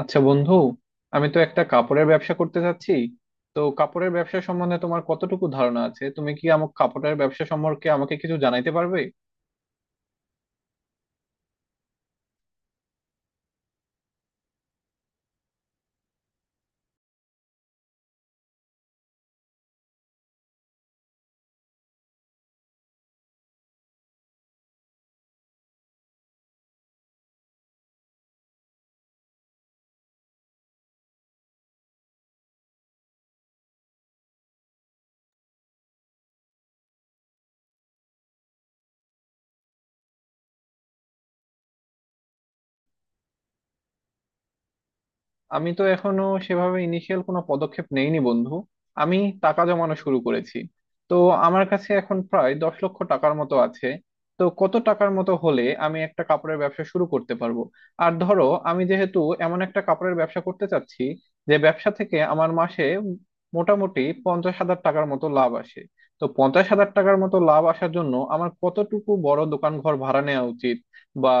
আচ্ছা বন্ধু, আমি তো একটা কাপড়ের ব্যবসা করতে চাচ্ছি। তো কাপড়ের ব্যবসা সম্বন্ধে তোমার কতটুকু ধারণা আছে? তুমি কি আমার কাপড়ের ব্যবসা সম্পর্কে আমাকে কিছু জানাইতে পারবে? আমি তো এখনো সেভাবে ইনিশিয়াল কোনো পদক্ষেপ নেইনি বন্ধু। আমি টাকা জমানো শুরু করেছি। তো আমার কাছে এখন প্রায় 10,00,000 টাকার মতো আছে। তো কত টাকার মতো হলে আমি একটা কাপড়ের ব্যবসা শুরু করতে পারবো? আর ধরো, আমি যেহেতু এমন একটা কাপড়ের ব্যবসা করতে চাচ্ছি যে ব্যবসা থেকে আমার মাসে মোটামুটি 50,000 টাকার মতো লাভ আসে, তো 50,000 টাকার মতো লাভ আসার জন্য আমার কতটুকু বড় দোকান ঘর ভাড়া নেওয়া উচিত? বা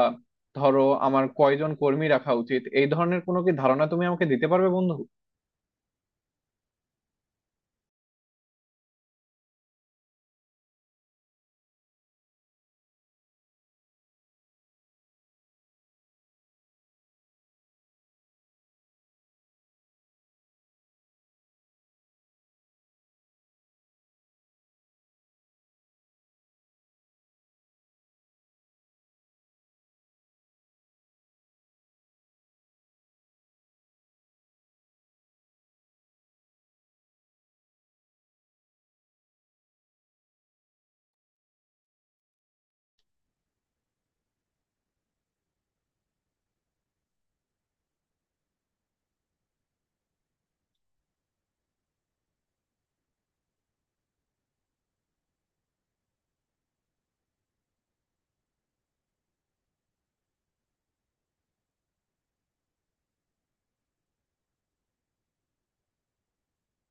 ধরো, আমার কয়জন কর্মী রাখা উচিত? এই ধরনের কোনো কি ধারণা তুমি আমাকে দিতে পারবে বন্ধু?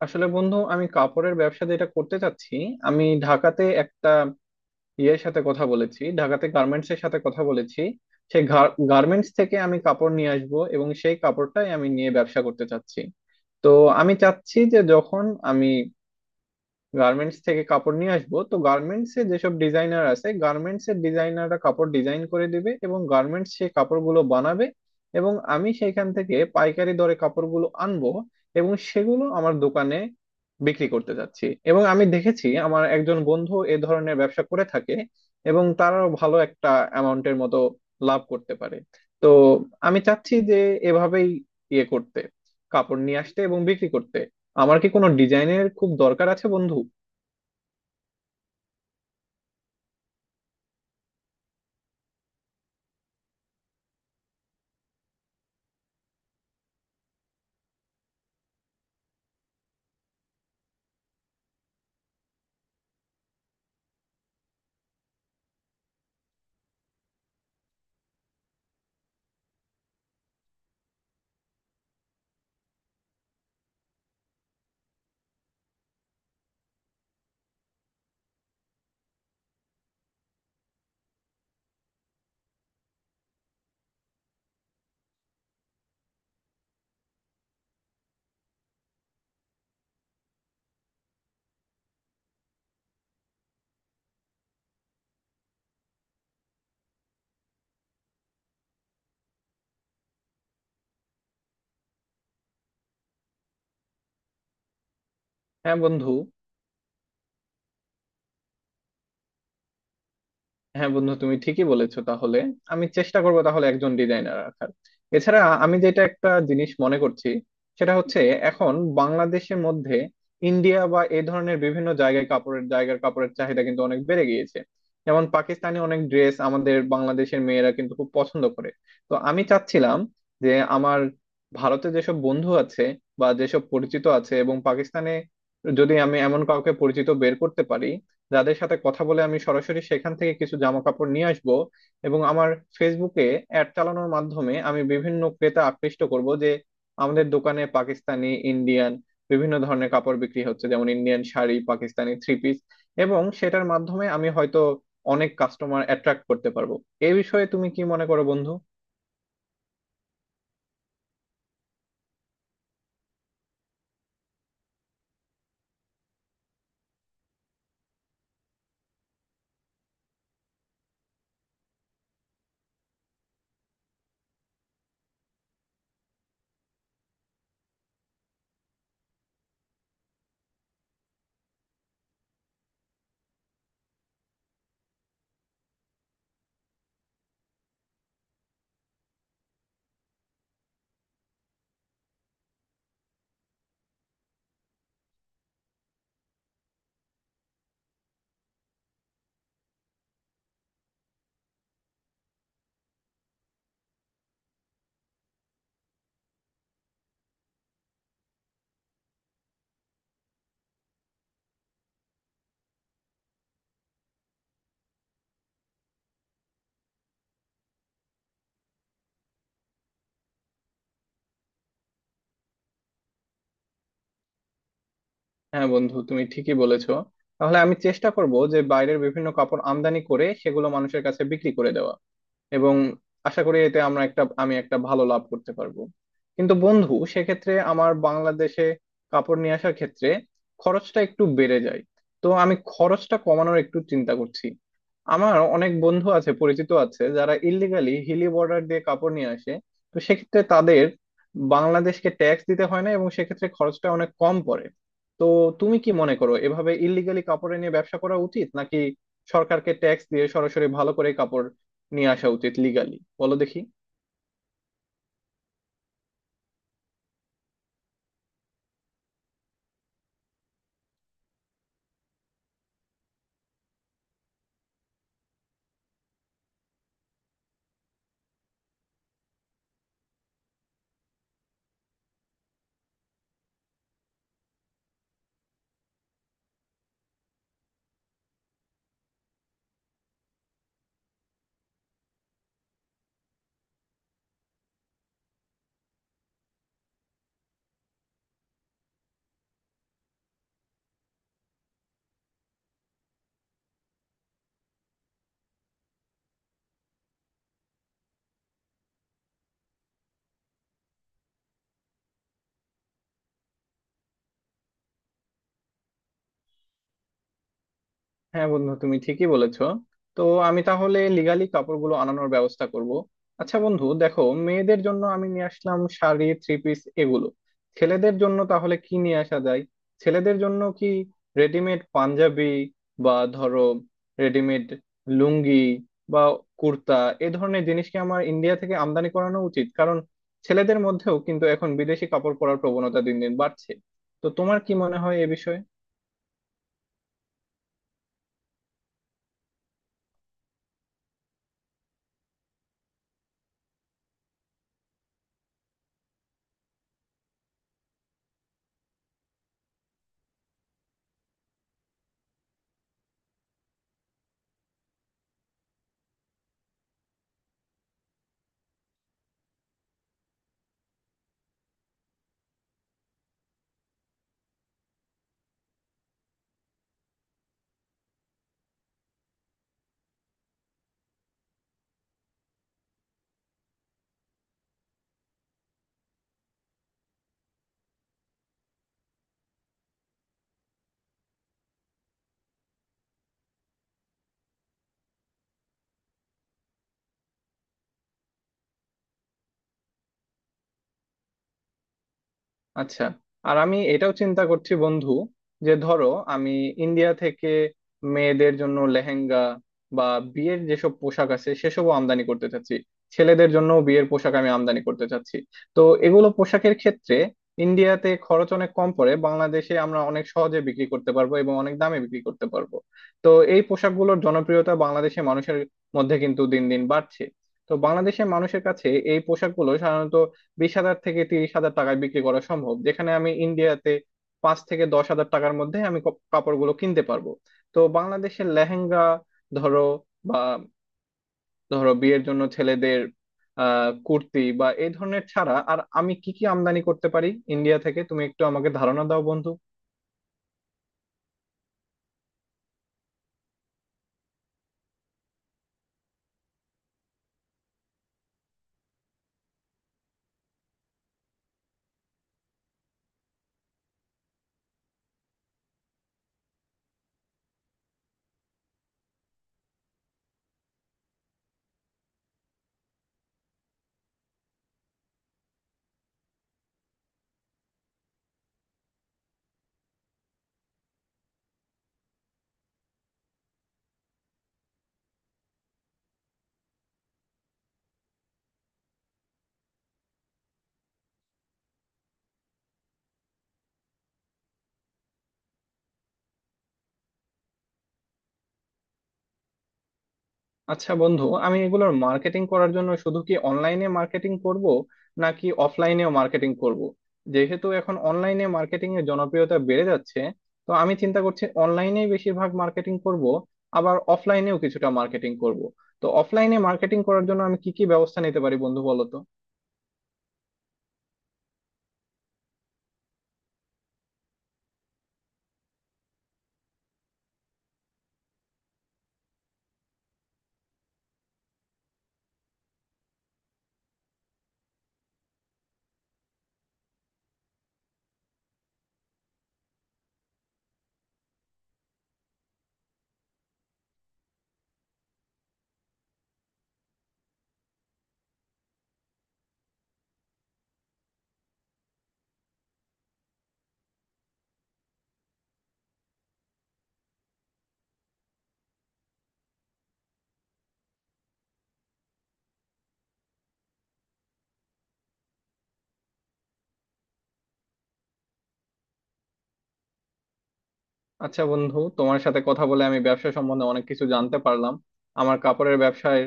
আসলে বন্ধু, আমি কাপড়ের ব্যবসা যেটা করতে চাচ্ছি, আমি ঢাকাতে একটা ইয়ের সাথে কথা বলেছি, ঢাকাতে গার্মেন্টস এর সাথে কথা বলেছি। সেই গার্মেন্টস থেকে আমি কাপড় নিয়ে আসব এবং সেই কাপড়টাই আমি নিয়ে ব্যবসা করতে চাচ্ছি। তো আমি চাচ্ছি যে যখন আমি গার্মেন্টস থেকে কাপড় নিয়ে আসবো, তো গার্মেন্টস এ যেসব ডিজাইনার আছে, গার্মেন্টস এর ডিজাইনাররা কাপড় ডিজাইন করে দিবে এবং গার্মেন্টস সেই কাপড়গুলো বানাবে। এবং আমি সেইখান থেকে পাইকারি দরে কাপড়গুলো আনবো এবং সেগুলো আমার দোকানে বিক্রি করতে যাচ্ছি। এবং আমি দেখেছি আমার একজন বন্ধু এ ধরনের ব্যবসা করে থাকে এবং তারাও ভালো একটা অ্যামাউন্টের মতো লাভ করতে পারে। তো আমি চাচ্ছি যে এভাবেই ইয়ে করতে, কাপড় নিয়ে আসতে এবং বিক্রি করতে। আমার কি কোনো ডিজাইনের খুব দরকার আছে বন্ধু? হ্যাঁ বন্ধু। হ্যাঁ বন্ধু, তুমি ঠিকই বলেছো। তাহলে আমি চেষ্টা করব তাহলে একজন ডিজাইনার রাখার। এছাড়া আমি যেটা একটা জিনিস মনে করছি সেটা হচ্ছে, এখন বাংলাদেশের মধ্যে ইন্ডিয়া বা এই ধরনের বিভিন্ন জায়গায় কাপড়ের জায়গার কাপড়ের চাহিদা কিন্তু অনেক বেড়ে গিয়েছে। যেমন পাকিস্তানি অনেক ড্রেস আমাদের বাংলাদেশের মেয়েরা কিন্তু খুব পছন্দ করে। তো আমি চাচ্ছিলাম যে আমার ভারতে যেসব বন্ধু আছে বা যেসব পরিচিত আছে এবং পাকিস্তানে যদি আমি এমন কাউকে পরিচিত বের করতে পারি, যাদের সাথে কথা বলে আমি সরাসরি সেখান থেকে কিছু জামা কাপড় নিয়ে আসব। এবং আমার ফেসবুকে অ্যাড চালানোর মাধ্যমে আমি বিভিন্ন ক্রেতা আকৃষ্ট করব যে আমাদের দোকানে পাকিস্তানি, ইন্ডিয়ান বিভিন্ন ধরনের কাপড় বিক্রি হচ্ছে, যেমন Indian sari, Pakistani three piece. এবং সেটার মাধ্যমে আমি হয়তো অনেক কাস্টমার অ্যাট্রাক্ট করতে পারবো। এই বিষয়ে তুমি কি মনে করো বন্ধু? হ্যাঁ বন্ধু, তুমি ঠিকই বলেছো। তাহলে আমি চেষ্টা করব যে বাইরের বিভিন্ন কাপড় আমদানি করে সেগুলো মানুষের কাছে বিক্রি করে দেওয়া। এবং আশা করি এতে আমরা একটা, আমি একটা ভালো লাভ করতে পারবো। কিন্তু বন্ধু, সেক্ষেত্রে আমার বাংলাদেশে কাপড় নিয়ে আসার ক্ষেত্রে খরচটা একটু বেড়ে যায়। তো আমি খরচটা কমানোর একটু চিন্তা করছি। আমার অনেক বন্ধু আছে, পরিচিত আছে যারা ইল্লিগালি হিলি বর্ডার দিয়ে কাপড় নিয়ে আসে। তো সেক্ষেত্রে তাদের বাংলাদেশকে ট্যাক্স দিতে হয় না এবং সেক্ষেত্রে খরচটা অনেক কম পড়ে। তো তুমি কি মনে করো, এভাবে ইল্লিগালি কাপড় নিয়ে ব্যবসা করা উচিত, নাকি সরকারকে ট্যাক্স দিয়ে সরাসরি ভালো করে কাপড় নিয়ে আসা উচিত লিগালি? বলো দেখি। হ্যাঁ বন্ধু, তুমি ঠিকই বলেছো। তো আমি তাহলে লিগালি কাপড়গুলো আনানোর ব্যবস্থা করব। আচ্ছা বন্ধু, দেখো, মেয়েদের জন্য আমি নিয়ে আসলাম শাড়ি, থ্রি পিস, এগুলো। ছেলেদের জন্য তাহলে কি নিয়ে আসা যায়? ছেলেদের জন্য কি রেডিমেড পাঞ্জাবি, বা ধরো রেডিমেড লুঙ্গি, বা কুর্তা, এ ধরনের জিনিস কি আমার ইন্ডিয়া থেকে আমদানি করানো উচিত? কারণ ছেলেদের মধ্যেও কিন্তু এখন বিদেশি কাপড় পরার প্রবণতা দিন দিন বাড়ছে। তো তোমার কি মনে হয় এ বিষয়ে? আচ্ছা, আর আমি এটাও চিন্তা করছি বন্ধু, যে ধরো আমি ইন্ডিয়া থেকে মেয়েদের জন্য লেহেঙ্গা বা বিয়ের যেসব পোশাক আছে সেসবও আমদানি করতে চাচ্ছি। ছেলেদের জন্য বিয়ের পোশাক আমি আমদানি করতে চাচ্ছি। তো এগুলো পোশাকের ক্ষেত্রে ইন্ডিয়াতে খরচ অনেক কম পড়ে, বাংলাদেশে আমরা অনেক সহজে বিক্রি করতে পারবো এবং অনেক দামে বিক্রি করতে পারবো। তো এই পোশাকগুলোর জনপ্রিয়তা বাংলাদেশের মানুষের মধ্যে কিন্তু দিন দিন বাড়ছে। তো বাংলাদেশের মানুষের কাছে এই পোশাকগুলো সাধারণত 20,000 থেকে 30,000 টাকায় বিক্রি করা সম্ভব, যেখানে আমি ইন্ডিয়াতে 5,000 থেকে 10,000 টাকার মধ্যে আমি কাপড়গুলো কিনতে পারবো। তো বাংলাদেশের লেহেঙ্গা, ধরো, বা ধরো বিয়ের জন্য ছেলেদের কুর্তি বা এই ধরনের ছাড়া আর আমি কি কি আমদানি করতে পারি ইন্ডিয়া থেকে? তুমি একটু আমাকে ধারণা দাও বন্ধু। আচ্ছা বন্ধু, আমি এগুলোর মার্কেটিং করার জন্য শুধু কি অনলাইনে মার্কেটিং করব, নাকি অফলাইনেও মার্কেটিং করব? যেহেতু এখন অনলাইনে মার্কেটিং এর জনপ্রিয়তা বেড়ে যাচ্ছে, তো আমি চিন্তা করছি অনলাইনে বেশিরভাগ মার্কেটিং করব, আবার অফলাইনেও কিছুটা মার্কেটিং করব। তো অফলাইনে মার্কেটিং করার জন্য আমি কি কি ব্যবস্থা নিতে পারি বন্ধু, বলো তো। আচ্ছা বন্ধু, তোমার সাথে কথা বলে আমি ব্যবসা সম্বন্ধে অনেক কিছু জানতে পারলাম। আমার কাপড়ের ব্যবসার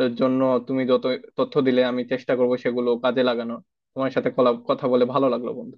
জন্য তুমি যত তথ্য দিলে আমি চেষ্টা করবো সেগুলো কাজে লাগানোর। তোমার সাথে কথা বলে ভালো লাগলো বন্ধু।